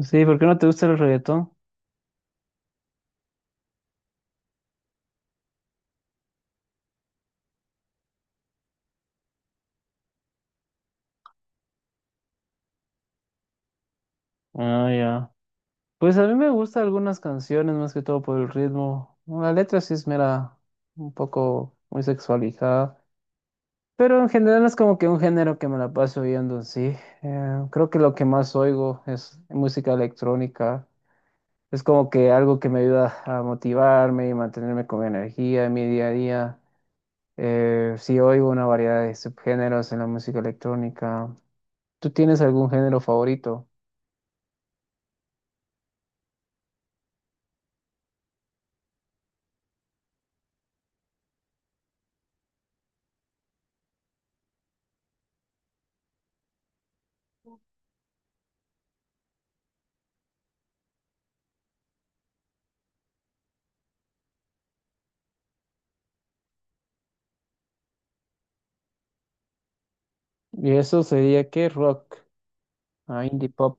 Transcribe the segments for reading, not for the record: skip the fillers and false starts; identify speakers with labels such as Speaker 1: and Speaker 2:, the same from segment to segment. Speaker 1: Sí, ¿por qué no te gusta el reggaetón? Ah, ya. Pues a mí me gustan algunas canciones, más que todo por el ritmo. La letra sí es mera, un poco muy sexualizada. Pero en general no es como que un género que me la paso oyendo, sí. Creo que lo que más oigo es música electrónica. Es como que algo que me ayuda a motivarme y mantenerme con energía en mi día a día. Sí oigo una variedad de subgéneros en la música electrónica. ¿Tú tienes algún género favorito? Y eso sería que rock, ah, indie pop.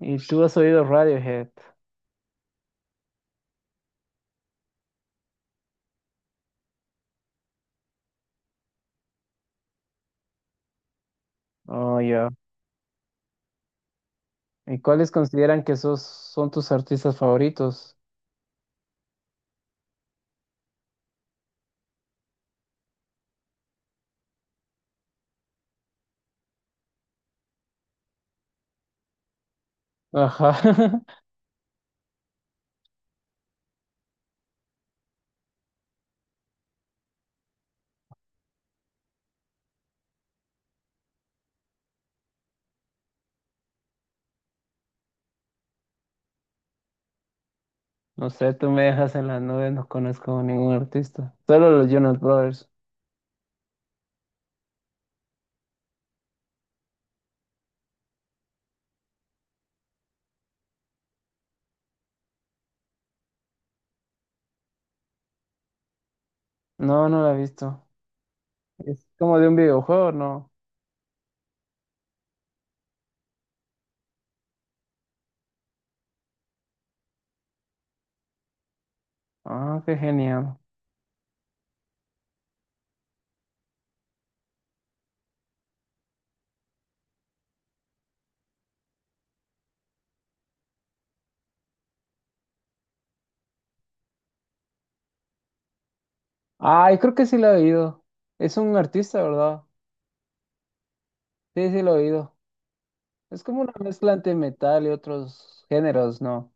Speaker 1: ¿Y tú has oído Radiohead? Oh, ya. ¿Y cuáles consideran que esos son tus artistas favoritos? Ajá. No sé, tú me dejas en las nubes, no conozco ningún artista. Solo los Jonas Brothers. No, no la he visto. Es como de un videojuego, ¿no? Ah, qué genial. Ay, creo que sí la he oído. Es un artista, ¿verdad? Sí, sí lo he oído. Es como una mezcla entre metal y otros géneros, ¿no?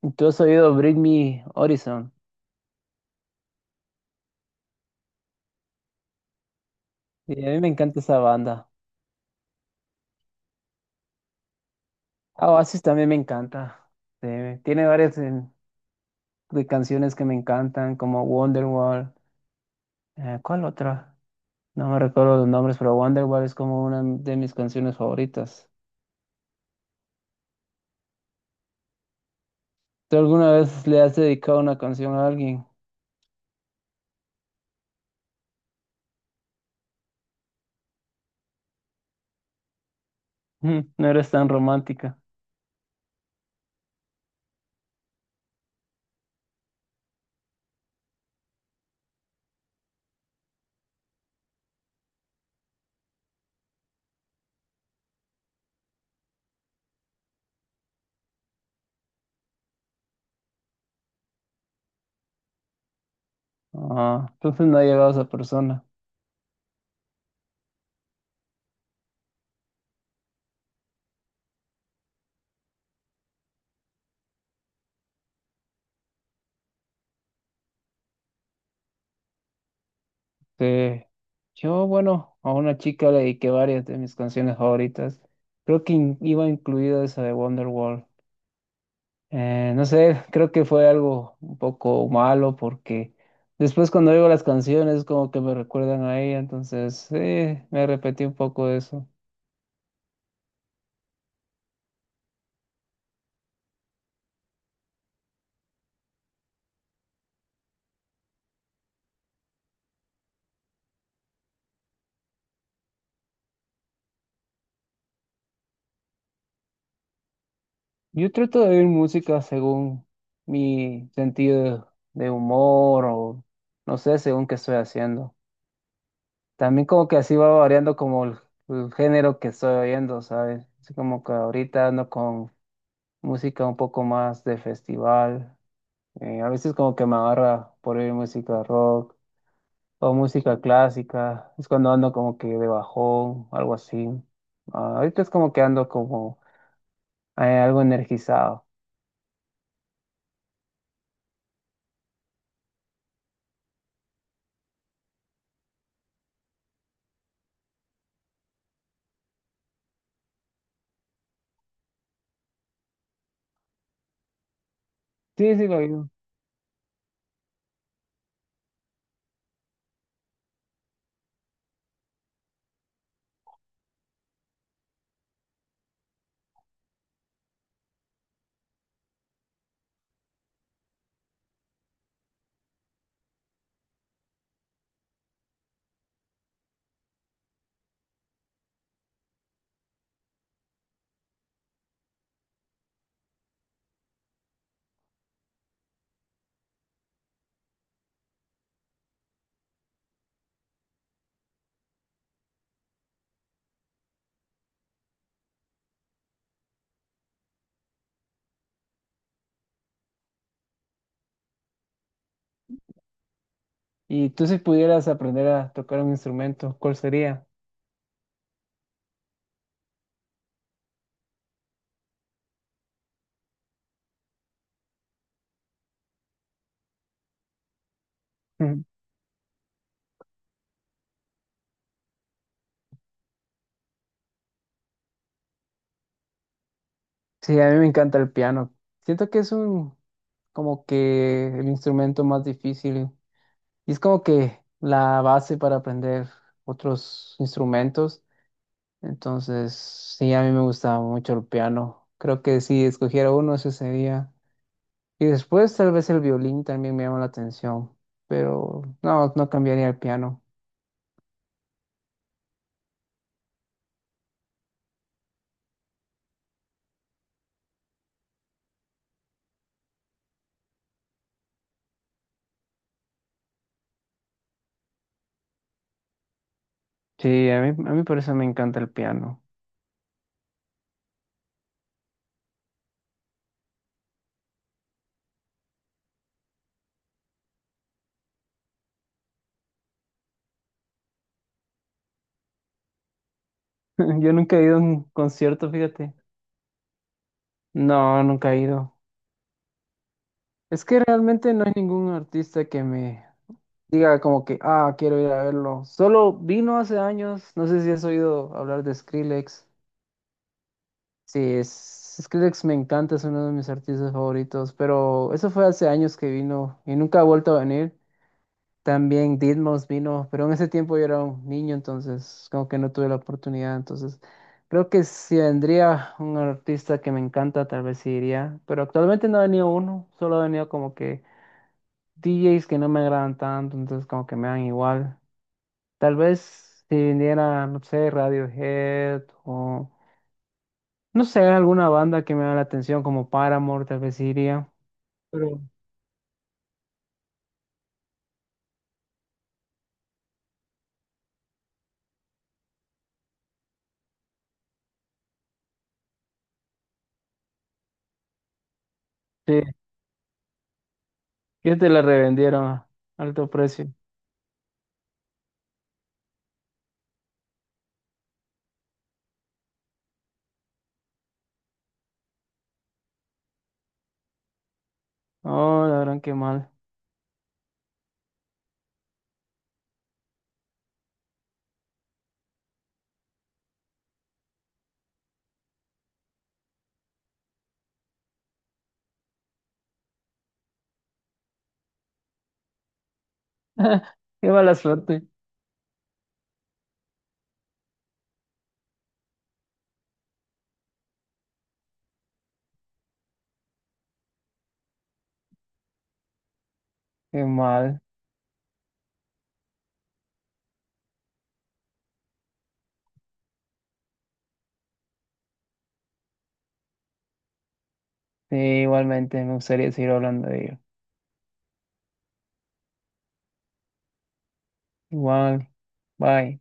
Speaker 1: ¿Tú has oído Bring Me Horizon? Sí, a mí me encanta esa banda. Ah, Oasis también me encanta. Sí, tiene varias de canciones que me encantan, como Wonderwall. ¿Cuál otra? No me recuerdo los nombres, pero Wonderwall es como una de mis canciones favoritas. ¿Tú alguna vez le has dedicado una canción a alguien? Mm, no eres tan romántica. Ah, entonces no ha llegado a esa persona. Sí. Yo, bueno, a una chica le dediqué varias de mis canciones favoritas. Creo que iba incluida esa de Wonderwall. No sé, creo que fue algo un poco malo porque después cuando oigo las canciones como que me recuerdan a ella, entonces me repetí un poco de eso. Yo trato de oír música según mi sentido de humor o no sé, según qué estoy haciendo. También como que así va variando como el género que estoy oyendo, ¿sabes? Así como que ahorita ando con música un poco más de festival. A veces como que me agarra por oír música rock. O música clásica, es cuando ando como que de bajón, algo así. Ah, ahorita es como que ando como algo energizado. Sí, sí, lo digo. Y tú si pudieras aprender a tocar un instrumento, ¿cuál sería? Ujú. Sí, a mí me encanta el piano. Siento que es como que el instrumento más difícil y es como que la base para aprender otros instrumentos. Entonces, sí, a mí me gusta mucho el piano. Creo que si escogiera uno, ese sería. Y después tal vez el violín también me llama la atención, pero no, no cambiaría el piano. Sí, a mí por eso me encanta el piano. Yo nunca he ido a un concierto, fíjate. No, nunca he ido. Es que realmente no hay ningún artista que me diga como que, ah, quiero ir a verlo. Solo vino hace años, no sé si has oído hablar de Skrillex. Sí, Skrillex me encanta, es uno de mis artistas favoritos, pero eso fue hace años que vino y nunca ha vuelto a venir. También Didmos vino, pero en ese tiempo yo era un niño, entonces como que no tuve la oportunidad. Entonces creo que si vendría un artista que me encanta, tal vez sí iría. Pero actualmente no ha venido uno, solo ha venido como que DJs que no me agradan tanto, entonces como que me dan igual. Tal vez si viniera, no sé, Radiohead o no sé, alguna banda que me da la atención como Paramore, tal vez sí iría. Pero sí, que te la revendieron a alto precio. Oh, la gran que mal. Qué mala suerte. Qué mal. Sí, igualmente me gustaría seguir hablando de ello. Igual. Bye.